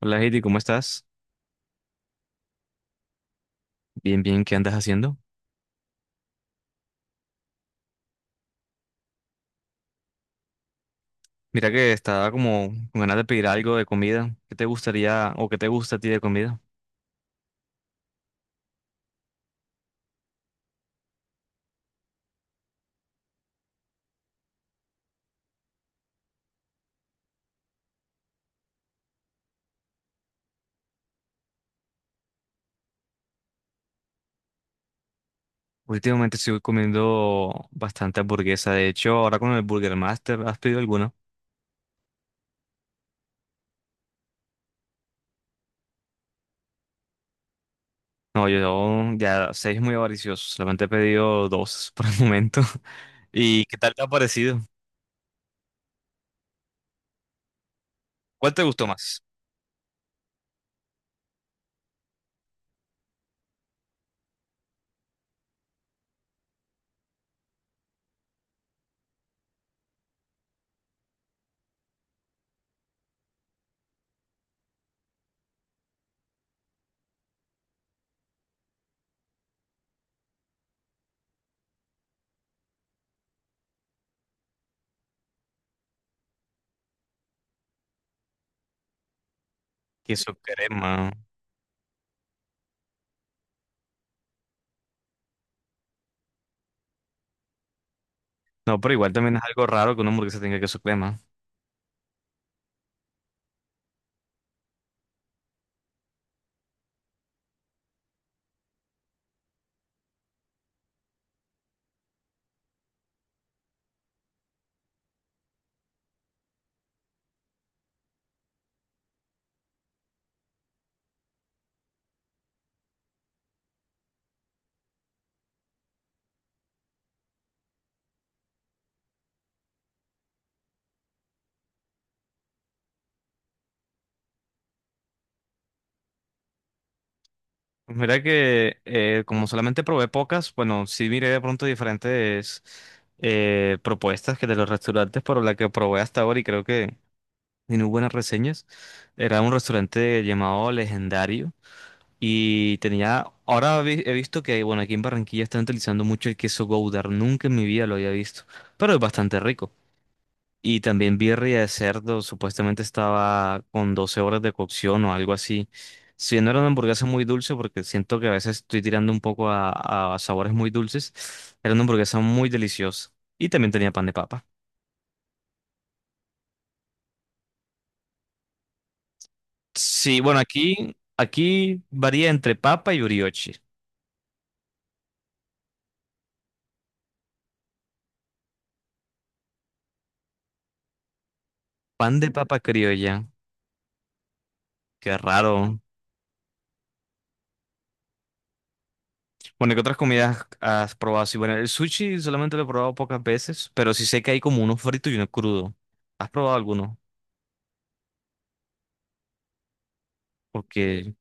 Hola, Heidi, ¿cómo estás? Bien, bien, ¿qué andas haciendo? Mira que estaba como con ganas de pedir algo de comida. ¿Qué te gustaría o qué te gusta a ti de comida? Últimamente estoy comiendo bastante hamburguesa. De hecho, ahora con el Burger Master, ¿has pedido alguna? No, yo ya seis es muy avaricioso. Solamente he pedido dos por el momento. ¿Y qué tal te ha parecido? ¿Cuál te gustó más? Queso crema. No, pero igual también es algo raro que una hamburguesa tenga queso crema. Pues mira que como solamente probé pocas, bueno, sí miré de pronto diferentes propuestas que de los restaurantes, pero la que probé hasta ahora y creo que tiene buenas reseñas, era un restaurante llamado Legendario y tenía, ahora he visto que, bueno, aquí en Barranquilla están utilizando mucho el queso Gouda, nunca en mi vida lo había visto, pero es bastante rico. Y también birria de cerdo, supuestamente estaba con 12 horas de cocción o algo así. Si no era una hamburguesa muy dulce, porque siento que a veces estoy tirando un poco a sabores muy dulces, era una hamburguesa muy deliciosa. Y también tenía pan de papa. Sí, bueno, aquí varía entre papa y brioche. Pan de papa criolla, qué raro. Bueno, ¿qué otras comidas has probado? Sí, bueno, el sushi solamente lo he probado pocas veces, pero sí sé que hay como uno frito y uno crudo. ¿Has probado alguno? Porque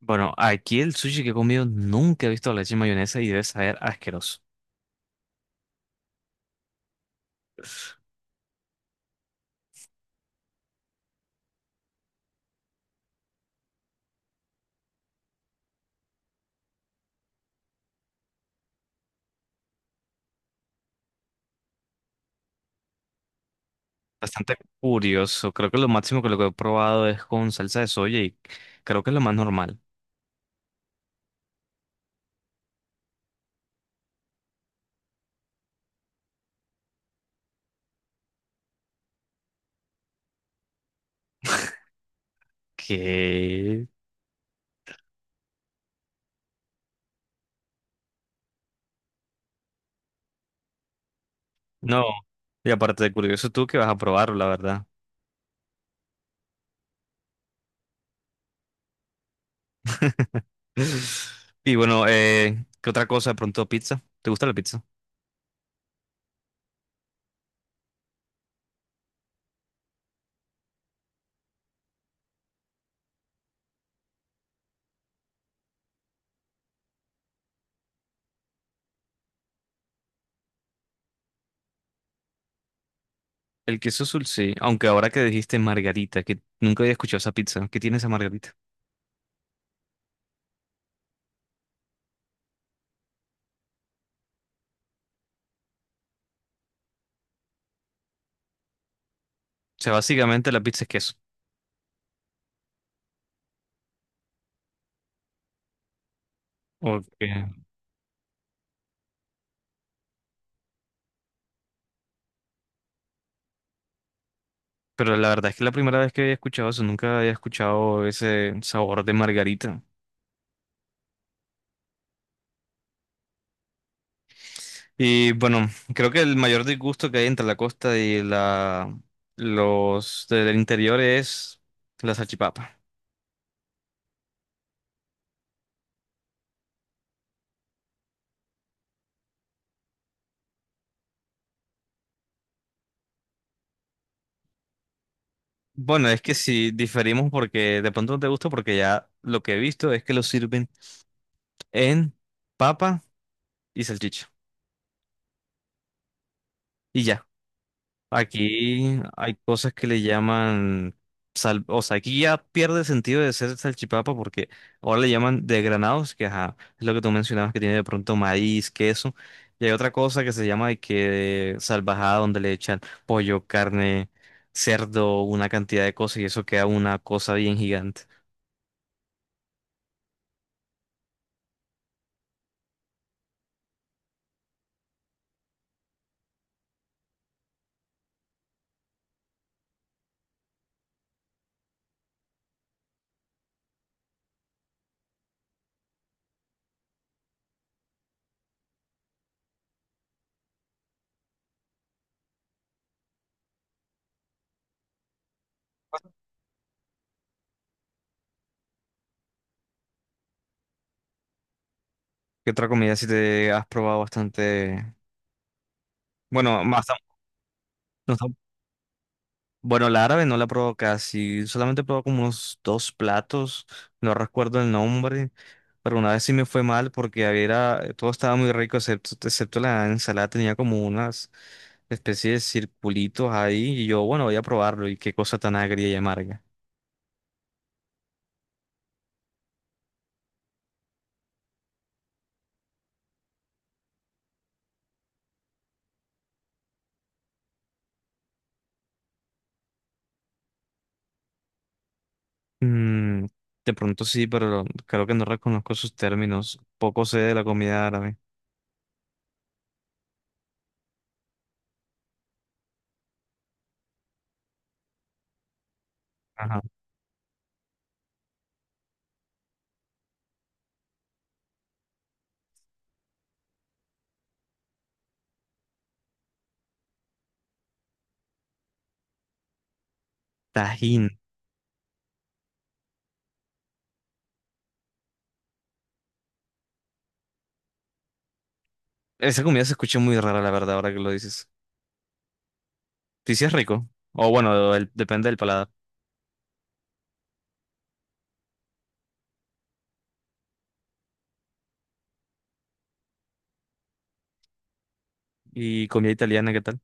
Bueno, aquí el sushi que he comido nunca he visto la leche y mayonesa y debe saber asqueroso. Bastante curioso. Creo que lo máximo que lo que he probado es con salsa de soya y creo que es lo más normal. Que no. Y aparte de curioso tú que vas a probarlo, la verdad. Y bueno, ¿qué otra cosa? De pronto pizza. ¿Te gusta la pizza? El queso azul, sí. Aunque ahora que dijiste margarita, que nunca había escuchado esa pizza. ¿Qué tiene esa margarita? O sea, básicamente la pizza es queso. Ok. Pero la verdad es que la primera vez que había escuchado eso, nunca había escuchado ese sabor de margarita. Y bueno, creo que el mayor disgusto que hay entre la costa y la los del interior es la salchipapa. Bueno, es que si diferimos porque de pronto no te gusta porque ya lo que he visto es que lo sirven en papa y salchicha. Y ya. Aquí hay cosas que le llaman, o sea, aquí ya pierde el sentido de ser salchipapa porque ahora le llaman desgranados, que ajá, es lo que tú mencionabas que tiene de pronto maíz, queso, y hay otra cosa que se llama de que salvajada donde le echan pollo, carne, cerdo, una cantidad de cosas y eso queda una cosa bien gigante. ¿Qué otra comida si te has probado bastante? Bueno, más, no. Bueno, la árabe no la probó casi, solamente probó como unos dos platos, no recuerdo el nombre, pero una vez sí me fue mal porque había, todo estaba muy rico, excepto la ensalada, tenía como unas especies de circulitos ahí y yo, bueno, voy a probarlo y qué cosa tan agria y amarga. Mm, de pronto sí, pero creo que no reconozco sus términos, poco sé de la comida árabe. Ajá. Tajín. Esa comida se escucha muy rara, la verdad, ahora que lo dices. Sí, sí es rico, o bueno, depende del paladar. ¿Y comida italiana qué tal?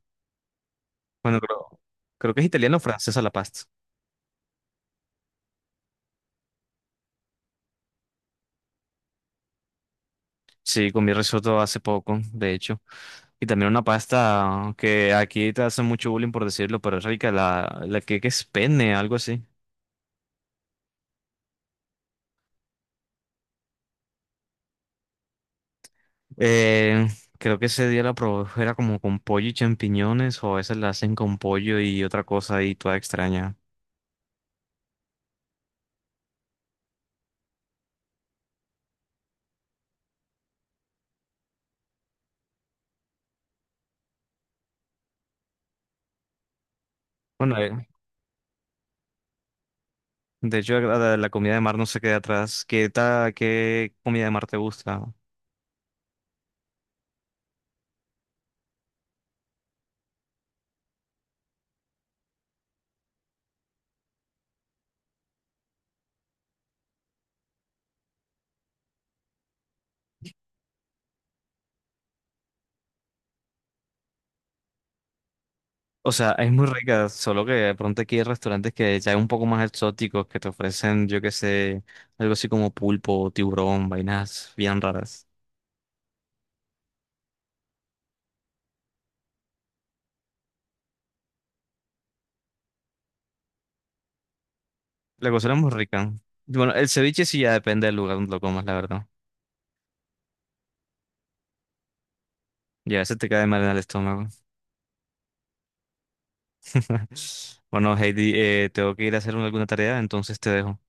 Bueno, creo que es italiano o francesa la pasta. Sí, comí risotto hace poco, de hecho. Y también una pasta que aquí te hacen mucho bullying por decirlo, pero es rica, la que es penne, algo así. Eh, Creo que ese día la probé, era como con pollo y champiñones, o a veces la hacen con pollo y otra cosa y toda extraña. Bueno, de hecho la comida de mar no se queda atrás. ¿Qué comida de mar te gusta? O sea, es muy rica, solo que de pronto aquí hay restaurantes que ya un poco más exóticos, que te ofrecen, yo qué sé, algo así como pulpo, tiburón, vainas bien raras. La cocina es muy rica. Bueno, el ceviche sí ya depende del lugar donde lo comas, la verdad. Y a veces te cae mal en el estómago. Bueno, Heidi, tengo que ir a hacer alguna tarea, entonces te dejo.